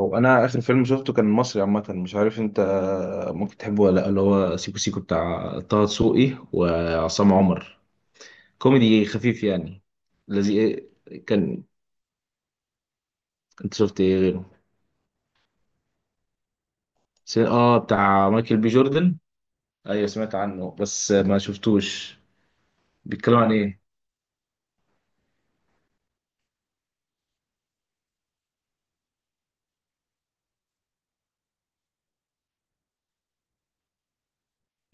هو انا اخر فيلم شفته كان مصري، عامه مش عارف انت ممكن تحبه ولا لا، اللي هو سيكو سيكو بتاع طه دسوقي وعصام عمر. كوميدي خفيف يعني. الذي كان انت شفت ايه غيره؟ اه، بتاع مايكل بي جوردن. ايوه، سمعت عنه بس ما شفتوش. بيتكلم عن ايه؟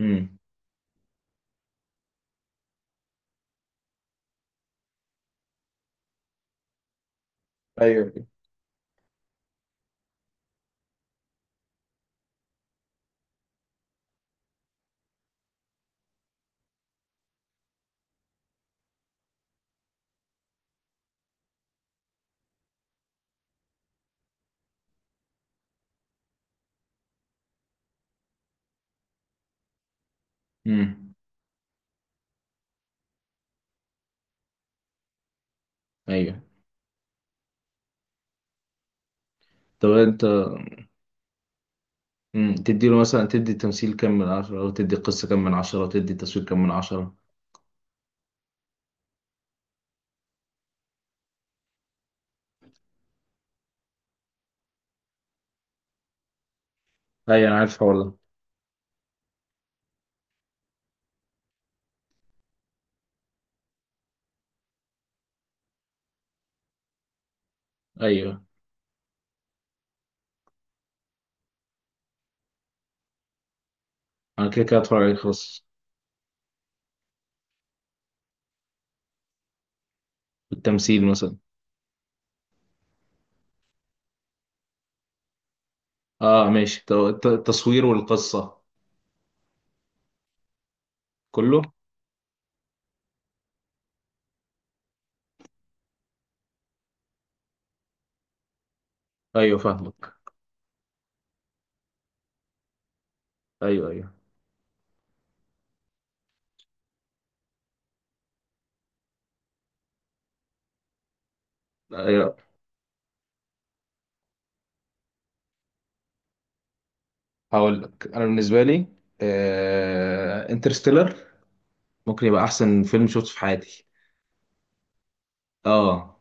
امم. ايوه. امم. ايوه. طب انت. تديله مثلا، تدي تمثيل كام من 10 وتدي قصة كام من 10 وتدي تصوير كام من 10؟ ايوه انا عارف والله. ايوه، انا كده كده هتفرج عليه خلاص. التمثيل مثلا؟ اه، ماشي. التصوير والقصة؟ كله. ايوه فاهمك. ايوه، ايوه، ايوه، هقول لك انا بالنسبة لي انترستيلر، ممكن يبقى احسن فيلم شفته في حياتي. اه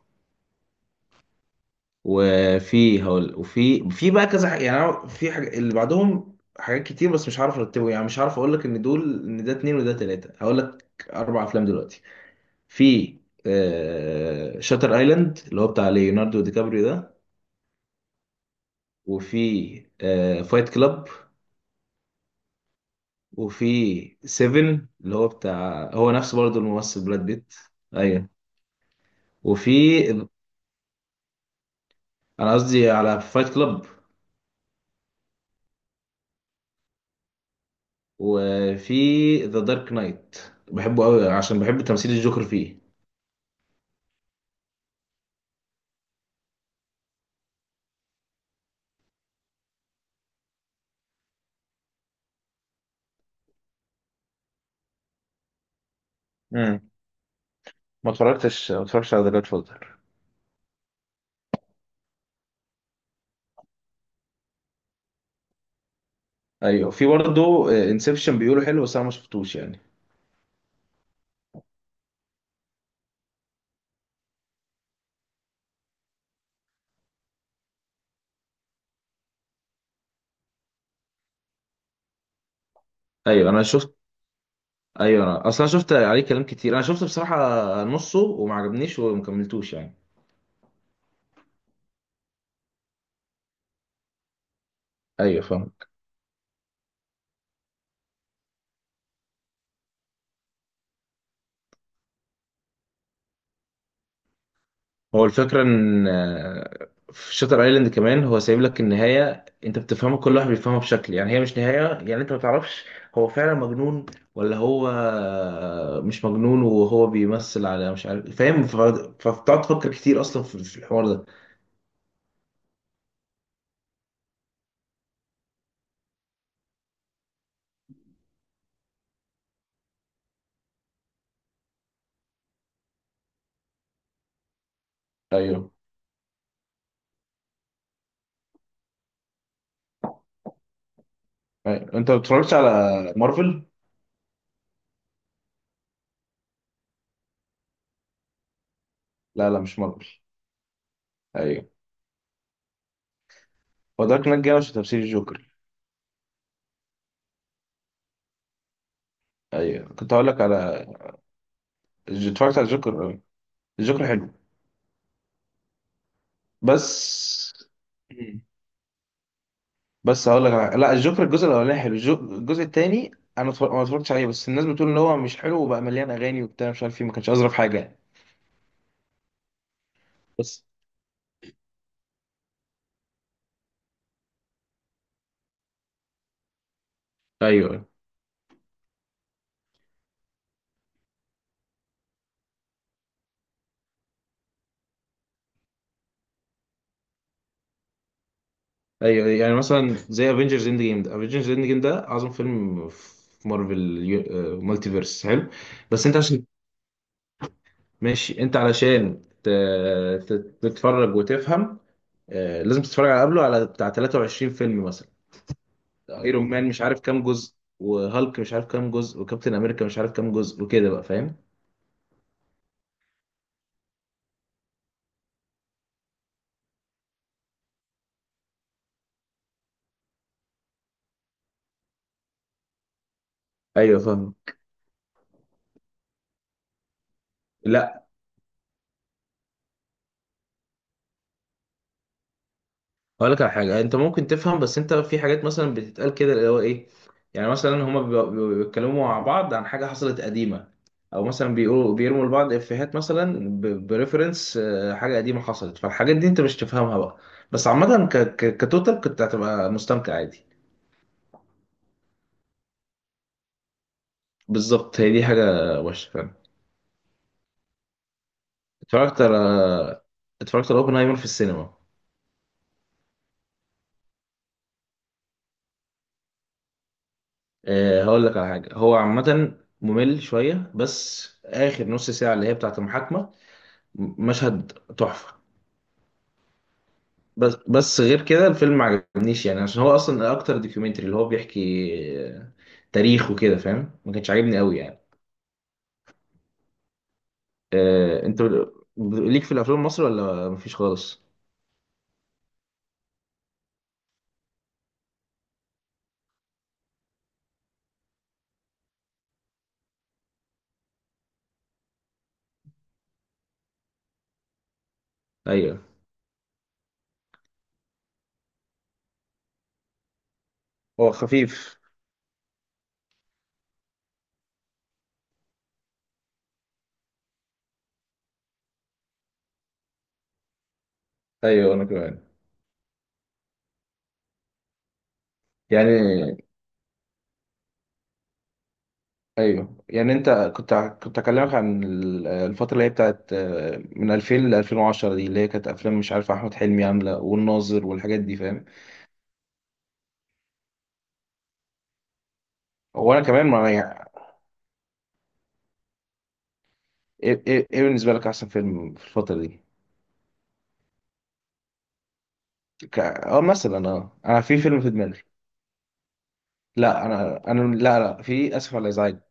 وفي هقول، وفي بقى كذا حاجة يعني، أنا في حاجة اللي بعدهم حاجات كتير بس مش عارف ارتبه، يعني مش عارف اقول لك ان دول ان ده اتنين وده تلاتة. هقول لك اربع افلام دلوقتي. في شاتر ايلاند اللي هو بتاع ليوناردو دي كابريو ده، وفي فايت كلاب، وفي سيفن اللي هو بتاع هو نفسه برضه الممثل براد بيت. ايوه. وفي، انا قصدي على فايت كلاب. وفي ذا دارك نايت، بحبه قوي عشان بحب تمثيل الجوكر فيه. امم. ما اتفرجتش على ذا جاد فوزر. ايوه، في برضه انسبشن بيقولوا حلو بس انا ما شفتوش يعني. ايوه انا شفت. ايوه، انا اصلا شفت عليه كلام كتير، انا شفت بصراحه نصه وما عجبنيش وما كملتوش يعني. ايوه فاهم. هو الفكرة إن في شاتر ايلاند كمان، هو سايب لك النهاية، أنت بتفهمها كل واحد بيفهمها بشكل، يعني هي مش نهاية، يعني أنت ما تعرفش هو فعلا مجنون ولا هو مش مجنون، وهو بيمثل على مش عارف فاهم فبتقعد تفكر كتير أصلا في الحوار ده. أيوه، أيوه، أنت ما بتتفرجش على مارفل؟ لا، لا، مش مارفل. أيوه، هو دارك نايت جاي عشان تفسير الجوكر. أيوه كنت هقول لك على. اتفرجت على الجوكر أه. الجوكر حلو. بس بس هقول لك أنا... لا، الجوكر الجزء الاولاني حلو. الجزء الثاني انا ما اتفرجتش عليه، بس الناس بتقول ان هو مش حلو وبقى مليان اغاني وبتاع مش عارف ايه، ما كانش اظرف حاجه يعني. بس. ايوه، ايوه، يعني مثلا زي افنجرز اند جيم ده، افنجرز اند جيم ده اعظم فيلم في مارفل. مالتي فيرس حلو. بس، انت عشان ماشي، انت علشان ت... تتفرج وتفهم. لازم تتفرج على قبله على بتاع 23 فيلم مثلا. ايرون مان مش عارف كام جزء، وهالك مش عارف كام جزء، وكابتن امريكا مش عارف كام جزء، وكده بقى فاهم. ايوه فاهم. لا، هقول لك على حاجه انت ممكن تفهم، بس انت في حاجات مثلا بتتقال كده اللي هو ايه، يعني مثلا هما بيبقوا بيتكلموا مع بعض عن حاجه حصلت قديمه، او مثلا بيقولوا بيرموا لبعض افيهات مثلا بريفرنس حاجه قديمه حصلت، فالحاجات دي انت مش تفهمها بقى. بس عامه كتوتال كنت هتبقى مستمتع عادي. بالظبط، هي دي حاجه وحشه فعلا. اتفرجت على اتفرجت على اوبنهايمر في السينما. هقول لك على حاجه، هو عامه ممل شويه بس اخر نص ساعه اللي هي بتاعه المحاكمه، مشهد تحفة. بس غير كده الفيلم ما عجبنيش يعني، عشان هو اصلا اكتر دوكيومنتري اللي هو بيحكي تاريخ وكده فاهم، ما كانش عاجبني قوي يعني. انت ليك في الافلام المصري ولا مفيش خالص؟ ايوه هو خفيف. ايوه انا كمان. يعني ايوه، يعني انت كنت اكلمك عن الفتره اللي هي بتاعت من 2000 ل 2010 دي، اللي هي كانت افلام مش عارف احمد حلمي عامله، والناظر والحاجات دي فاهم. هو انا كمان ما يعني. إيه بالنسبه لك احسن فيلم في الفتره دي؟ ك... اه مثلا، انا في فيلم في دماغي. لا، انا، لا، لا، في اسف على الازعاج.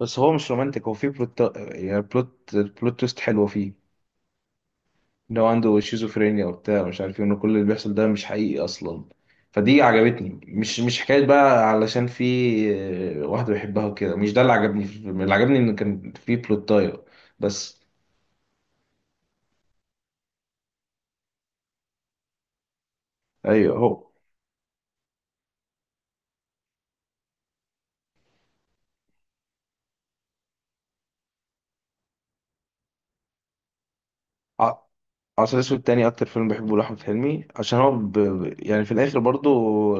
بس هو مش رومانتك، هو في بلوت، يعني بلوت تويست حلوه فيه، ان هو عنده شيزوفرينيا وبتاع مش عارف ايه، ان كل اللي بيحصل ده مش حقيقي اصلا، فدي عجبتني، مش حكايه بقى علشان في واحده بيحبها وكده، مش ده اللي عجبني في الفيلم، اللي عجبني ان كان في بلوتايه. بس ايوه. هو ع- عسل اسود تاني اكتر فيلم بحبه لاحمد حلمي، عشان هو يعني في الاخر برضو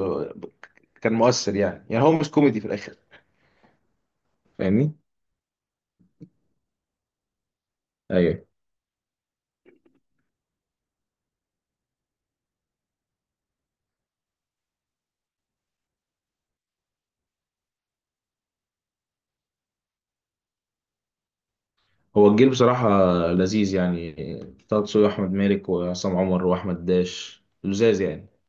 كان مؤثر يعني هو مش كوميدي في الاخر، فاهمني. ايوه هو الجيل بصراحة لذيذ يعني، طه دسوقي واحمد مالك وعصام عمر واحمد داش لذاذ يعني.